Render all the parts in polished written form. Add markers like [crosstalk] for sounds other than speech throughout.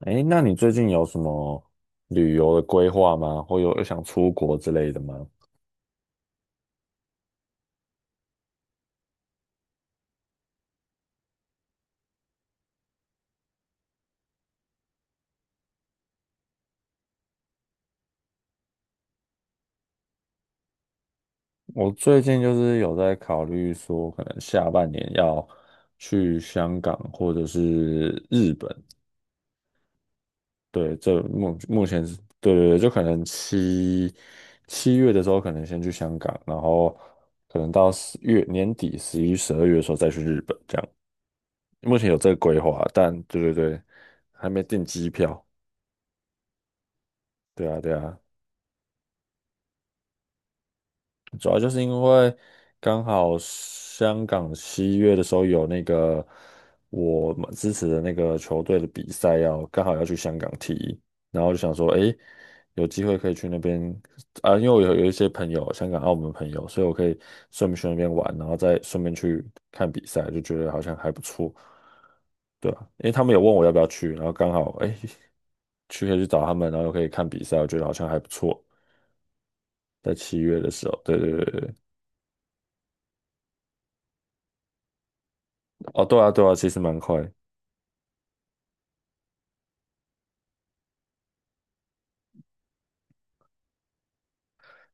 哎，那你最近有什么旅游的规划吗？或有想出国之类的吗？我最近就是有在考虑说，可能下半年要去香港或者是日本。对，这目前是，对对对，就可能七月的时候，可能先去香港，然后可能到十月年底十一、十二月的时候再去日本，这样。目前有这个规划，但对对对，还没订机票。对啊，对啊。主要就是因为刚好香港七月的时候有那个我们支持的那个球队的比赛要刚好要去香港踢，然后就想说，诶，有机会可以去那边啊，因为我有一些朋友，香港、澳门朋友，所以我可以顺便去那边玩，然后再顺便去看比赛，就觉得好像还不错，对啊，因为他们有问我要不要去，然后刚好诶，去可以去找他们，然后又可以看比赛，我觉得好像还不错，在七月的时候，对对对对。对哦，对啊，对啊，其实蛮快。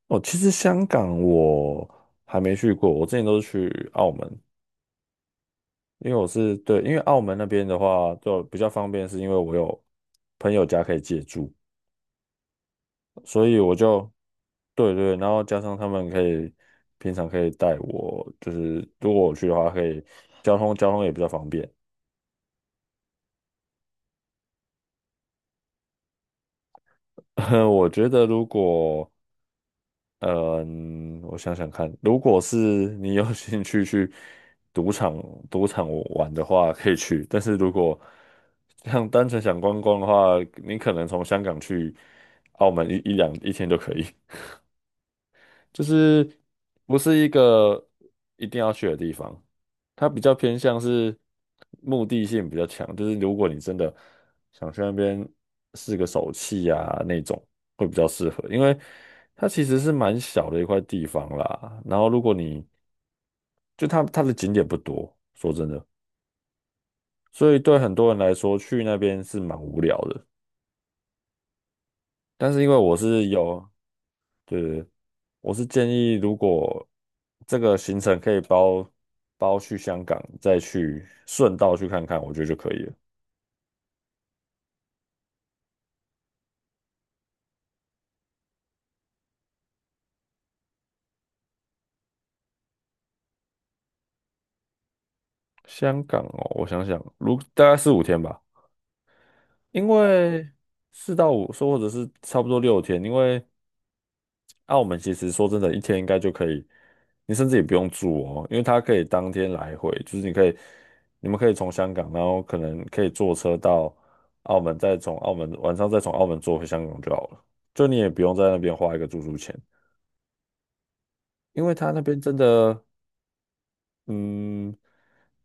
哦，其实香港我还没去过，我之前都是去澳门，因为我是对，因为澳门那边的话就比较方便，是因为我有朋友家可以借住，所以我就对对，然后加上他们可以平常可以带我，就是如果我去的话，可以交通也比较方便。[laughs] 我觉得如果嗯，我想想看，如果是你有 [laughs] 兴趣去赌场赌场玩的话，可以去。但是如果像单纯想观光的话，你可能从香港去澳门一天就可以。就是不是一个一定要去的地方，它比较偏向是目的性比较强，就是如果你真的想去那边试个手气啊那种，会比较适合，因为它其实是蛮小的一块地方啦。然后如果你就它的景点不多，说真的，所以对很多人来说去那边是蛮无聊的。但是因为我是有。对对对，我是建议，如果这个行程可以包去香港，再去顺道去看看，我觉得就可以了。香港哦，我想想，如大概四五天吧，因为四到五，说或者是差不多六天，因为那我们其实说真的，一天应该就可以，你甚至也不用住哦，因为它可以当天来回，就是你可以，你们可以从香港，然后可能可以坐车到澳门，晚上再从澳门坐回香港就好了，就你也不用在那边花一个住宿钱，因为它那边真的，嗯，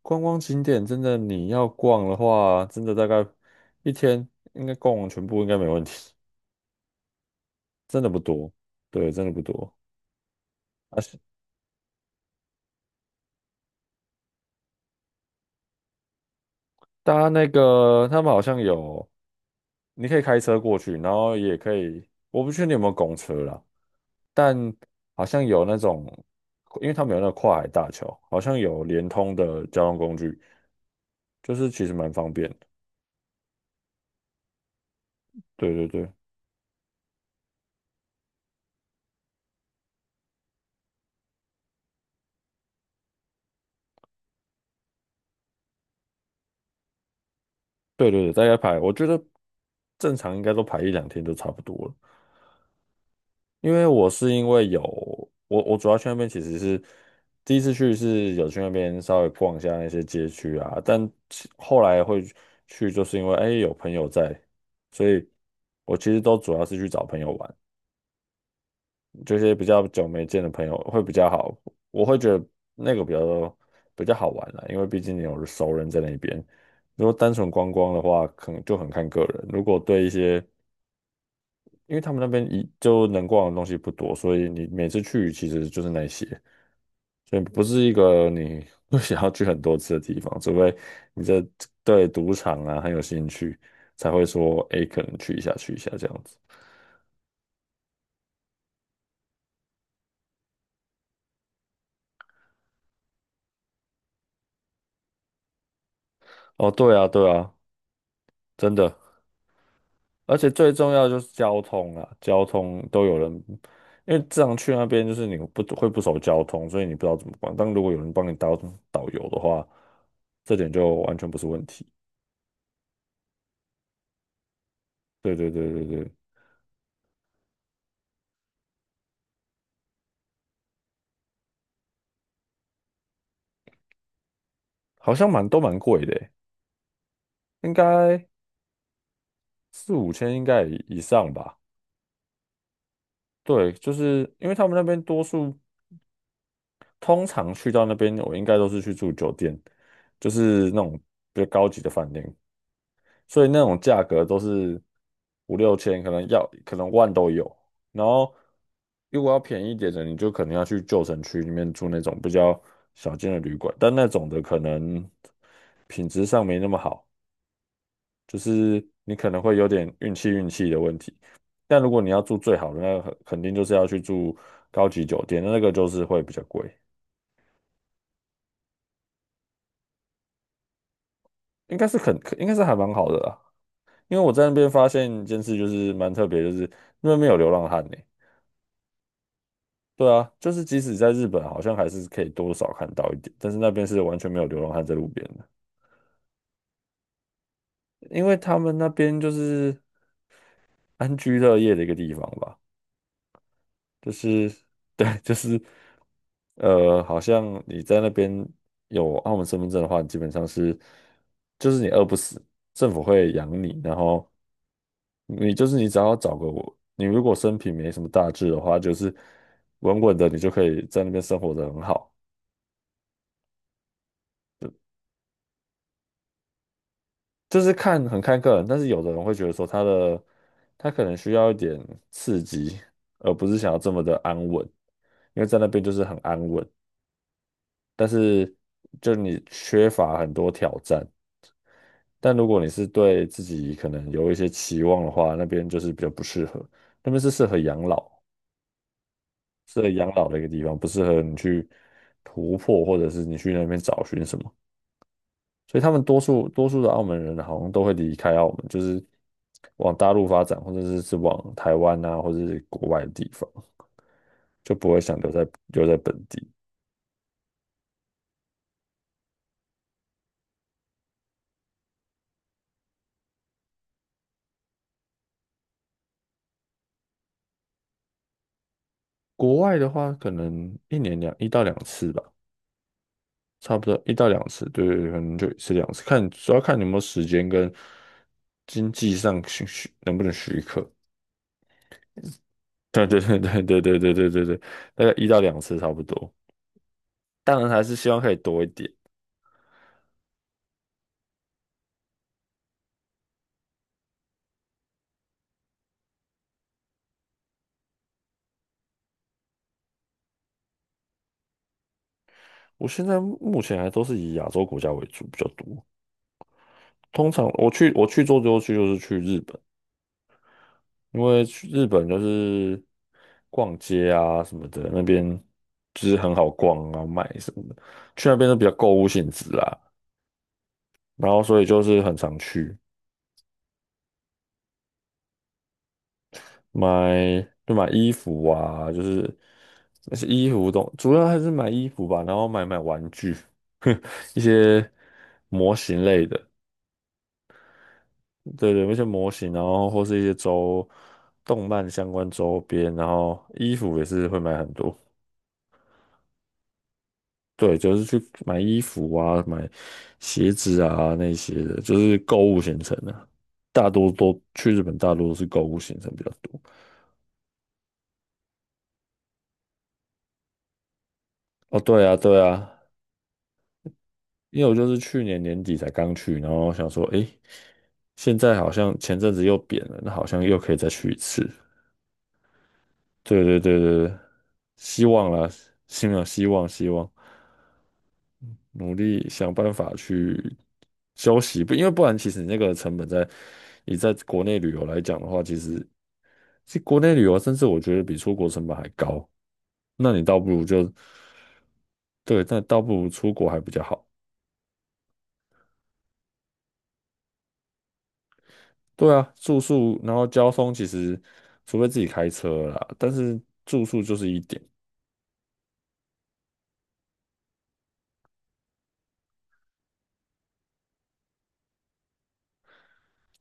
观光景点真的你要逛的话，真的大概一天应该逛完全部应该没问题，真的不多，对，真的不多。啊，是，大家那个他们好像有。你可以开车过去，然后也可以，我不确定有没有公车啦，但好像有那种，因为他们有那个跨海大桥，好像有联通的交通工具，就是其实蛮方便的。对对对对对对，大概排，我觉得正常应该都排一两天就差不多了。因为我是因为有我主要去那边其实是第一次去是有去那边稍微逛一下那些街区啊，但其后来会去就是因为哎有朋友在，所以我其实都主要是去找朋友玩，这些比较久没见的朋友会比较好，我会觉得那个比较好玩啦，因为毕竟你有熟人在那边。如果单纯观光的话，可能就很看个人。如果对一些因为他们那边一就能逛的东西不多，所以你每次去其实就是那些，所以不是一个你会想要去很多次的地方，除非你这对赌场啊很有兴趣，才会说诶可能去一下去一下这样子。哦，对啊，对啊，真的，而且最重要的就是交通啊，交通都有人，因为这样去那边就是你不会不熟交通，所以你不知道怎么逛。但如果有人帮你导游的话，这点就完全不是问题。对对对对对。好像蛮贵的欸应该四五千应该以上吧。对，就是因为他们那边多数通常去到那边，我应该都是去住酒店，就是那种比较高级的饭店，所以那种价格都是五六千，可能万都有。然后如果要便宜一点的，你就可能要去旧城区里面住那种比较小间的旅馆，但那种的可能品质上没那么好。就是你可能会有点运气的问题。但如果你要住最好的，那肯定就是要去住高级酒店，那个就是会比较贵，应该是还蛮好的啦。因为我在那边发现一件事，就是蛮特别，就是那边没有流浪汉呢、对啊，就是即使在日本，好像还是可以多少看到一点，但是那边是完全没有流浪汉在路边的，因为他们那边就是安居乐业的一个地方吧。就是对，[laughs] 就是好像你在那边有澳门身份证的话，基本上是就是你饿不死，政府会养你，然后你就是你只要找个我，你如果身平没什么大志的话，就是稳稳的，你就可以在那边生活的很好。就是看很看个人，但是有的人会觉得说他的他可能需要一点刺激，而不是想要这么的安稳，因为在那边就是很安稳。但是就你缺乏很多挑战。但如果你是对自己可能有一些期望的话，那边就是比较不适合，那边是适合养老，适合养老的一个地方，不适合你去突破，或者是你去那边找寻什么。所以他们多数的澳门人好像都会离开澳门，就是往大陆发展，或者是往台湾啊，或者是国外的地方，就不会想留在本地。国外的话，可能一年一到两次吧。差不多一到两次，对对对，可能就一次两次，看主要看你有没有时间跟经济上能不能许可。[laughs] 对对对对对对对对对对大概一到两次差不多。当然还是希望可以多一点。我现在目前还都是以亚洲国家为主比较多。通常我去做最后去就是去日本，因为去日本就是逛街啊什么的，那边就是很好逛啊，买什么的，去那边都比较购物性质啊。然后所以就是很常去，买就买衣服啊，就是那些衣服东，主要还是买衣服吧，然后买玩具，一些模型类的，对对，一些模型，然后或是一些动漫相关周边，然后衣服也是会买很多，对，就是去买衣服啊，买鞋子啊那些的，就是购物行程啊，大多都去日本，大多都是购物行程比较多。哦，对啊，对啊，因为我就是去年年底才刚去，然后想说，诶，现在好像前阵子又贬了，那好像又可以再去一次。对对对对对，希望啦，希望希望希望，努力想办法去休息，不因为不然，其实你那个成本你在国内旅游来讲的话，其实国内旅游甚至我觉得比出国成本还高，那你倒不如就对，但倒不如出国还比较好。对啊，住宿，然后交通其实，除非自己开车啦，但是住宿就是一点。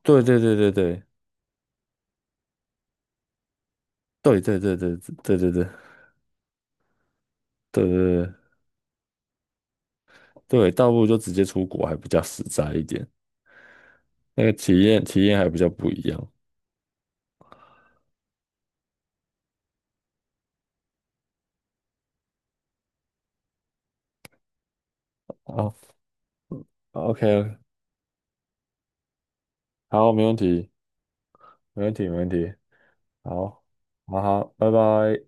对对对对对对对对对对对对对对对，倒不如就直接出国还比较实在一点，那个体验还比较不一样。好，OK，好，没问题，没问题，没问题，好，好好，拜拜。